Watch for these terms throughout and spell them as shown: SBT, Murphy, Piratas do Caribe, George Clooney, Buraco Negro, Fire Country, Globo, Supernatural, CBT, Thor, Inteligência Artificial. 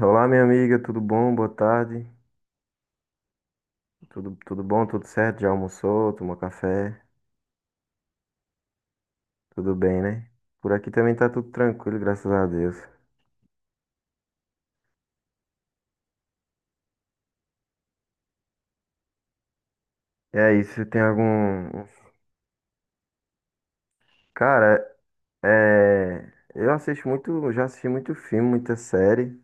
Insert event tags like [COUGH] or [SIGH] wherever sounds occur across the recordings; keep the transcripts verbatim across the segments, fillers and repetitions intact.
Olá, minha amiga, tudo bom? Boa tarde. Tudo, tudo bom? Tudo certo? Já almoçou? Tomou café? Tudo bem, né? Por aqui também tá tudo tranquilo, graças a Deus. E aí, você tem algum. Cara, é. Eu assisto muito. Eu Já assisti muito filme, muita série.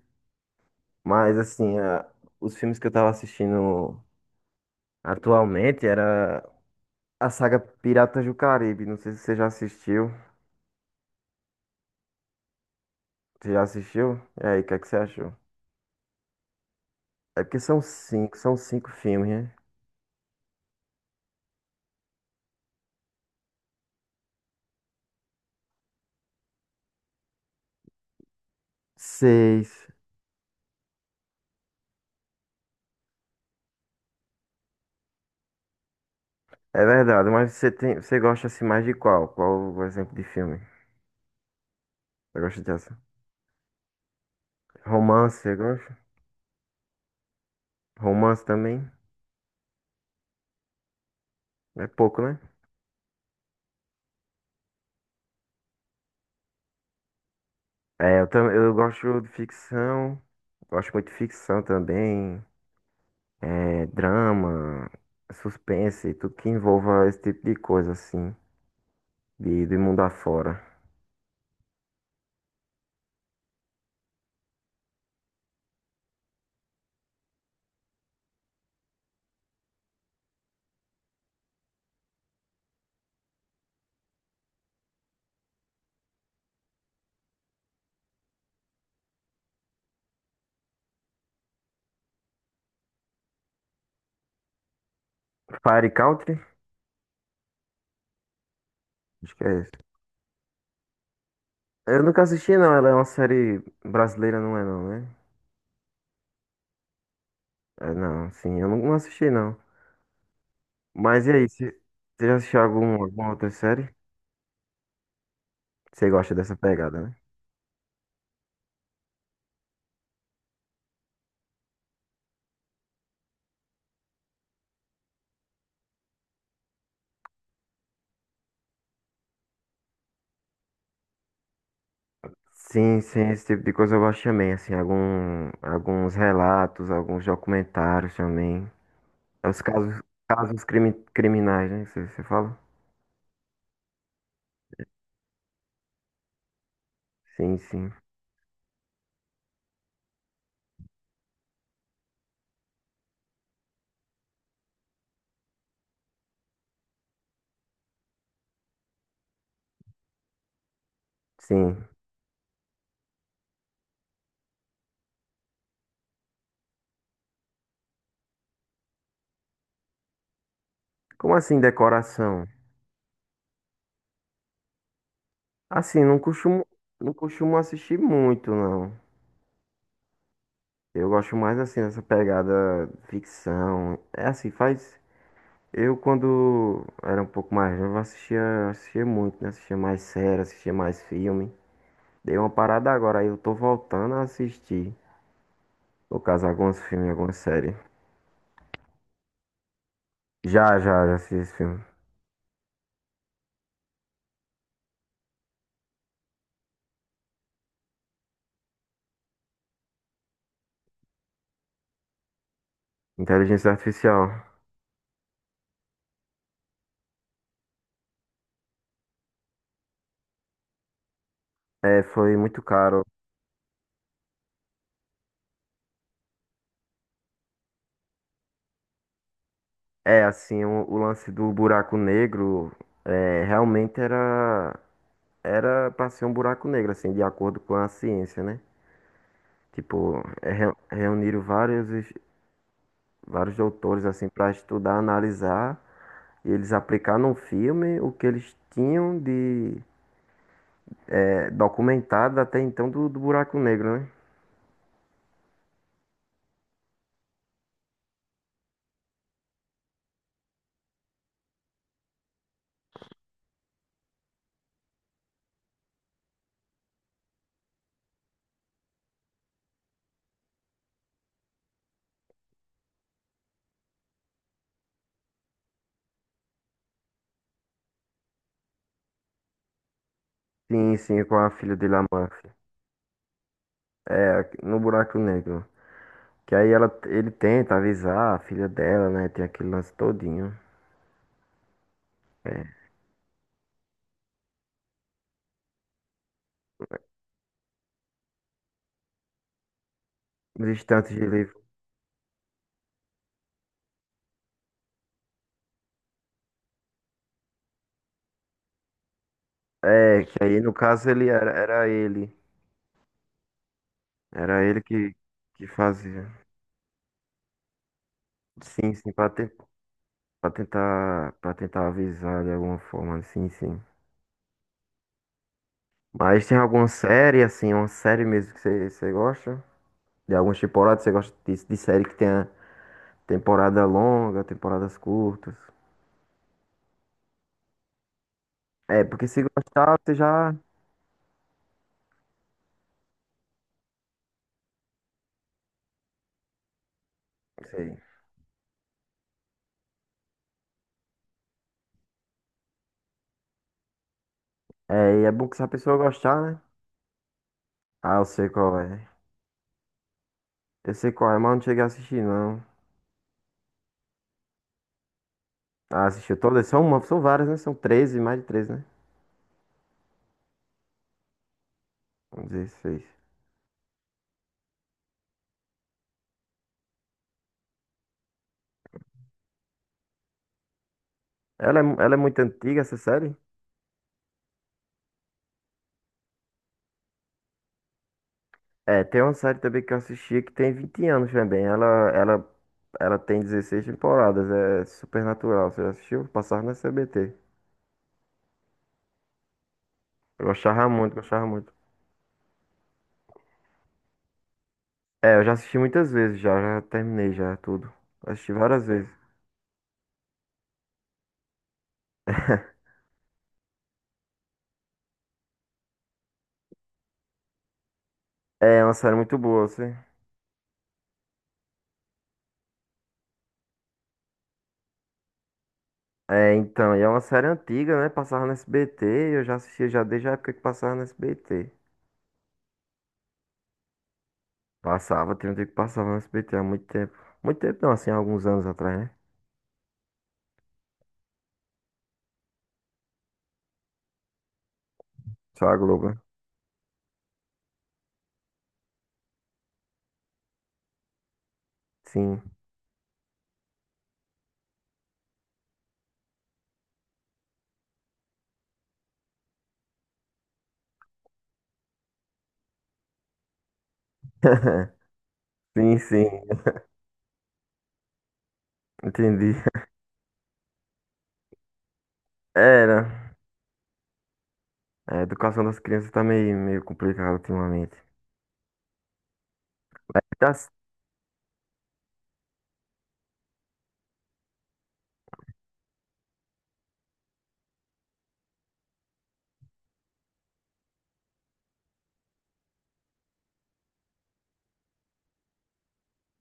Mas, assim, a- os filmes que eu tava assistindo atualmente era a saga Piratas do Caribe. Não sei se você já assistiu. Você já assistiu? E aí, o que é que você achou? É porque são cinco, são cinco filmes, né? Seis. É verdade, mas você tem, você gosta assim mais de qual? Qual o exemplo de filme? Você gosta de ação? Romance, você gosta? Romance também? É pouco, né? É, eu também, eu gosto de ficção, gosto muito de ficção também, é, drama, suspense, tudo que envolva esse tipo de coisa assim, de, de mundo afora. Fire Country? Acho que é esse. Eu nunca assisti não, ela é uma série brasileira, não é não, né? É, não, sim, eu não não assisti não. Mas e aí, você você já assistiu algum, alguma outra série? Você gosta dessa pegada, né? Sim, sim, esse tipo de coisa eu gosto também, assim, algum, alguns relatos, alguns documentários também. É os casos, casos crimi- criminais, né, que Você, você fala? Sim, sim, sim. Como assim decoração? Assim, não costumo, não costumo assistir muito, não. Eu gosto mais assim dessa pegada ficção. É assim, faz. Eu, quando era um pouco mais novo, assistia, assistia muito, né? Assistia mais série, assistia mais filme. Dei uma parada agora, aí eu tô voltando a assistir. No caso, alguns filmes, algumas séries. Já, já, já assisti esse filme. Inteligência Artificial. É, foi muito caro. É, assim, o, o lance do buraco negro, é, realmente era, era pra ser um buraco negro, assim, de acordo com a ciência, né? Tipo, é, re- reuniram vários, es- vários doutores, assim, pra estudar, analisar e eles aplicar num filme o que eles tinham de é, documentado até então do, do Buraco Negro, né? Sim, sim, com a filha dele, a Murphy. É, no Buraco Negro. Que aí ela, ele tenta avisar a filha dela, né? Tem aquele lance todinho. Os instantes de livro. É, que aí no caso ele era, era ele. Era ele que, que fazia. Sim, sim, pra, te, pra tentar, pra tentar avisar de alguma forma, sim, sim. Mas tem alguma série, assim, uma série mesmo que você você gosta? De algumas temporadas? Você gosta disso, de série que tenha temporada longa, temporadas curtas? É, porque se gostar, você já. Sei. É, e é bom que se a pessoa gostar, né? Ah, eu sei qual é. Eu sei qual é, mas não cheguei a assistir, não. Ah, assistiu todas? São uma, são várias, né? São treze, mais de treze, né? São dezesseis. Ela é, mu- ela é muito antiga, essa série? É, tem uma série também que eu assisti que tem vinte anos também. Ela, ela, ela tem dezesseis temporadas. É Supernatural. Você já assistiu? Passava na C B T. Eu gostava muito, gostava muito. É, eu já assisti muitas vezes, já, já terminei já tudo. Assisti várias vezes. É uma série muito boa, assim. É, então, e é uma série antiga, né? Passava no S B T, eu já assistia já desde a época que passava no S B T. Passava, tem um tempo que passava no S B T há muito tempo. Muito tempo não, assim, há alguns anos atrás, né? Só a Globo, né? Sim. [LAUGHS] Sim, sim, entendi. Era. É, A educação das crianças tá meio, meio complicada ultimamente. Tá.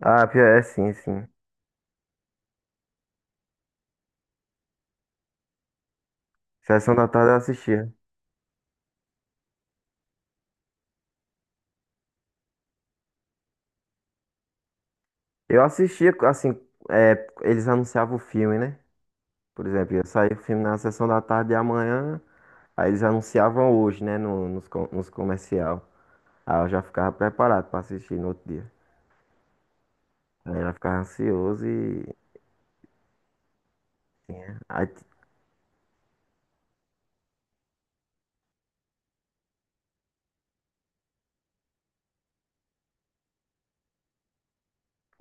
Ah, pior é, sim, sim. Sessão da tarde eu assistia. Eu assistia, assim, é, eles anunciavam o filme, né? Por exemplo, ia sair o filme na sessão da tarde e amanhã, aí eles anunciavam hoje, né, no, nos, co- nos comercial. Aí eu já ficava preparado pra assistir no outro dia. Aí eu já ficava ansioso e. Aí, t-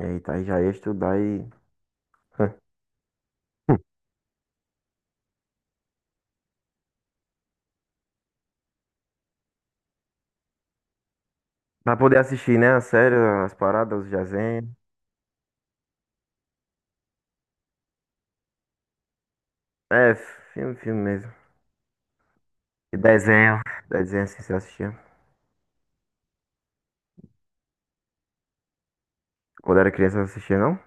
eita, aí já ia estudar e. [LAUGHS] Pra poder assistir, né, a série, as paradas, os desenhos. É, filme, filme mesmo. E desenho. Desenho assim você assistia. Quando era criança eu não assistia, não?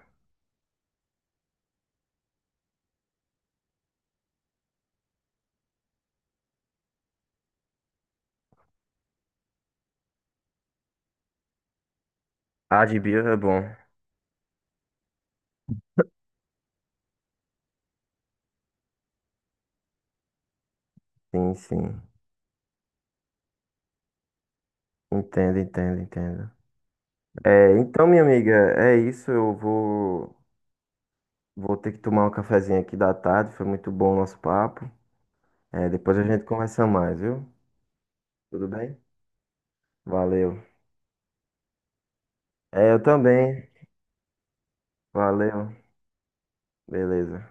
Ah, de Bio é bom. Sim, sim. Entendo, entendo, entendo. É, então, minha amiga, é isso. Eu vou, vou ter que tomar um cafezinho aqui da tarde. Foi muito bom o nosso papo. É, depois a gente conversa mais, viu? Tudo bem? Valeu. É, eu também. Valeu. Beleza.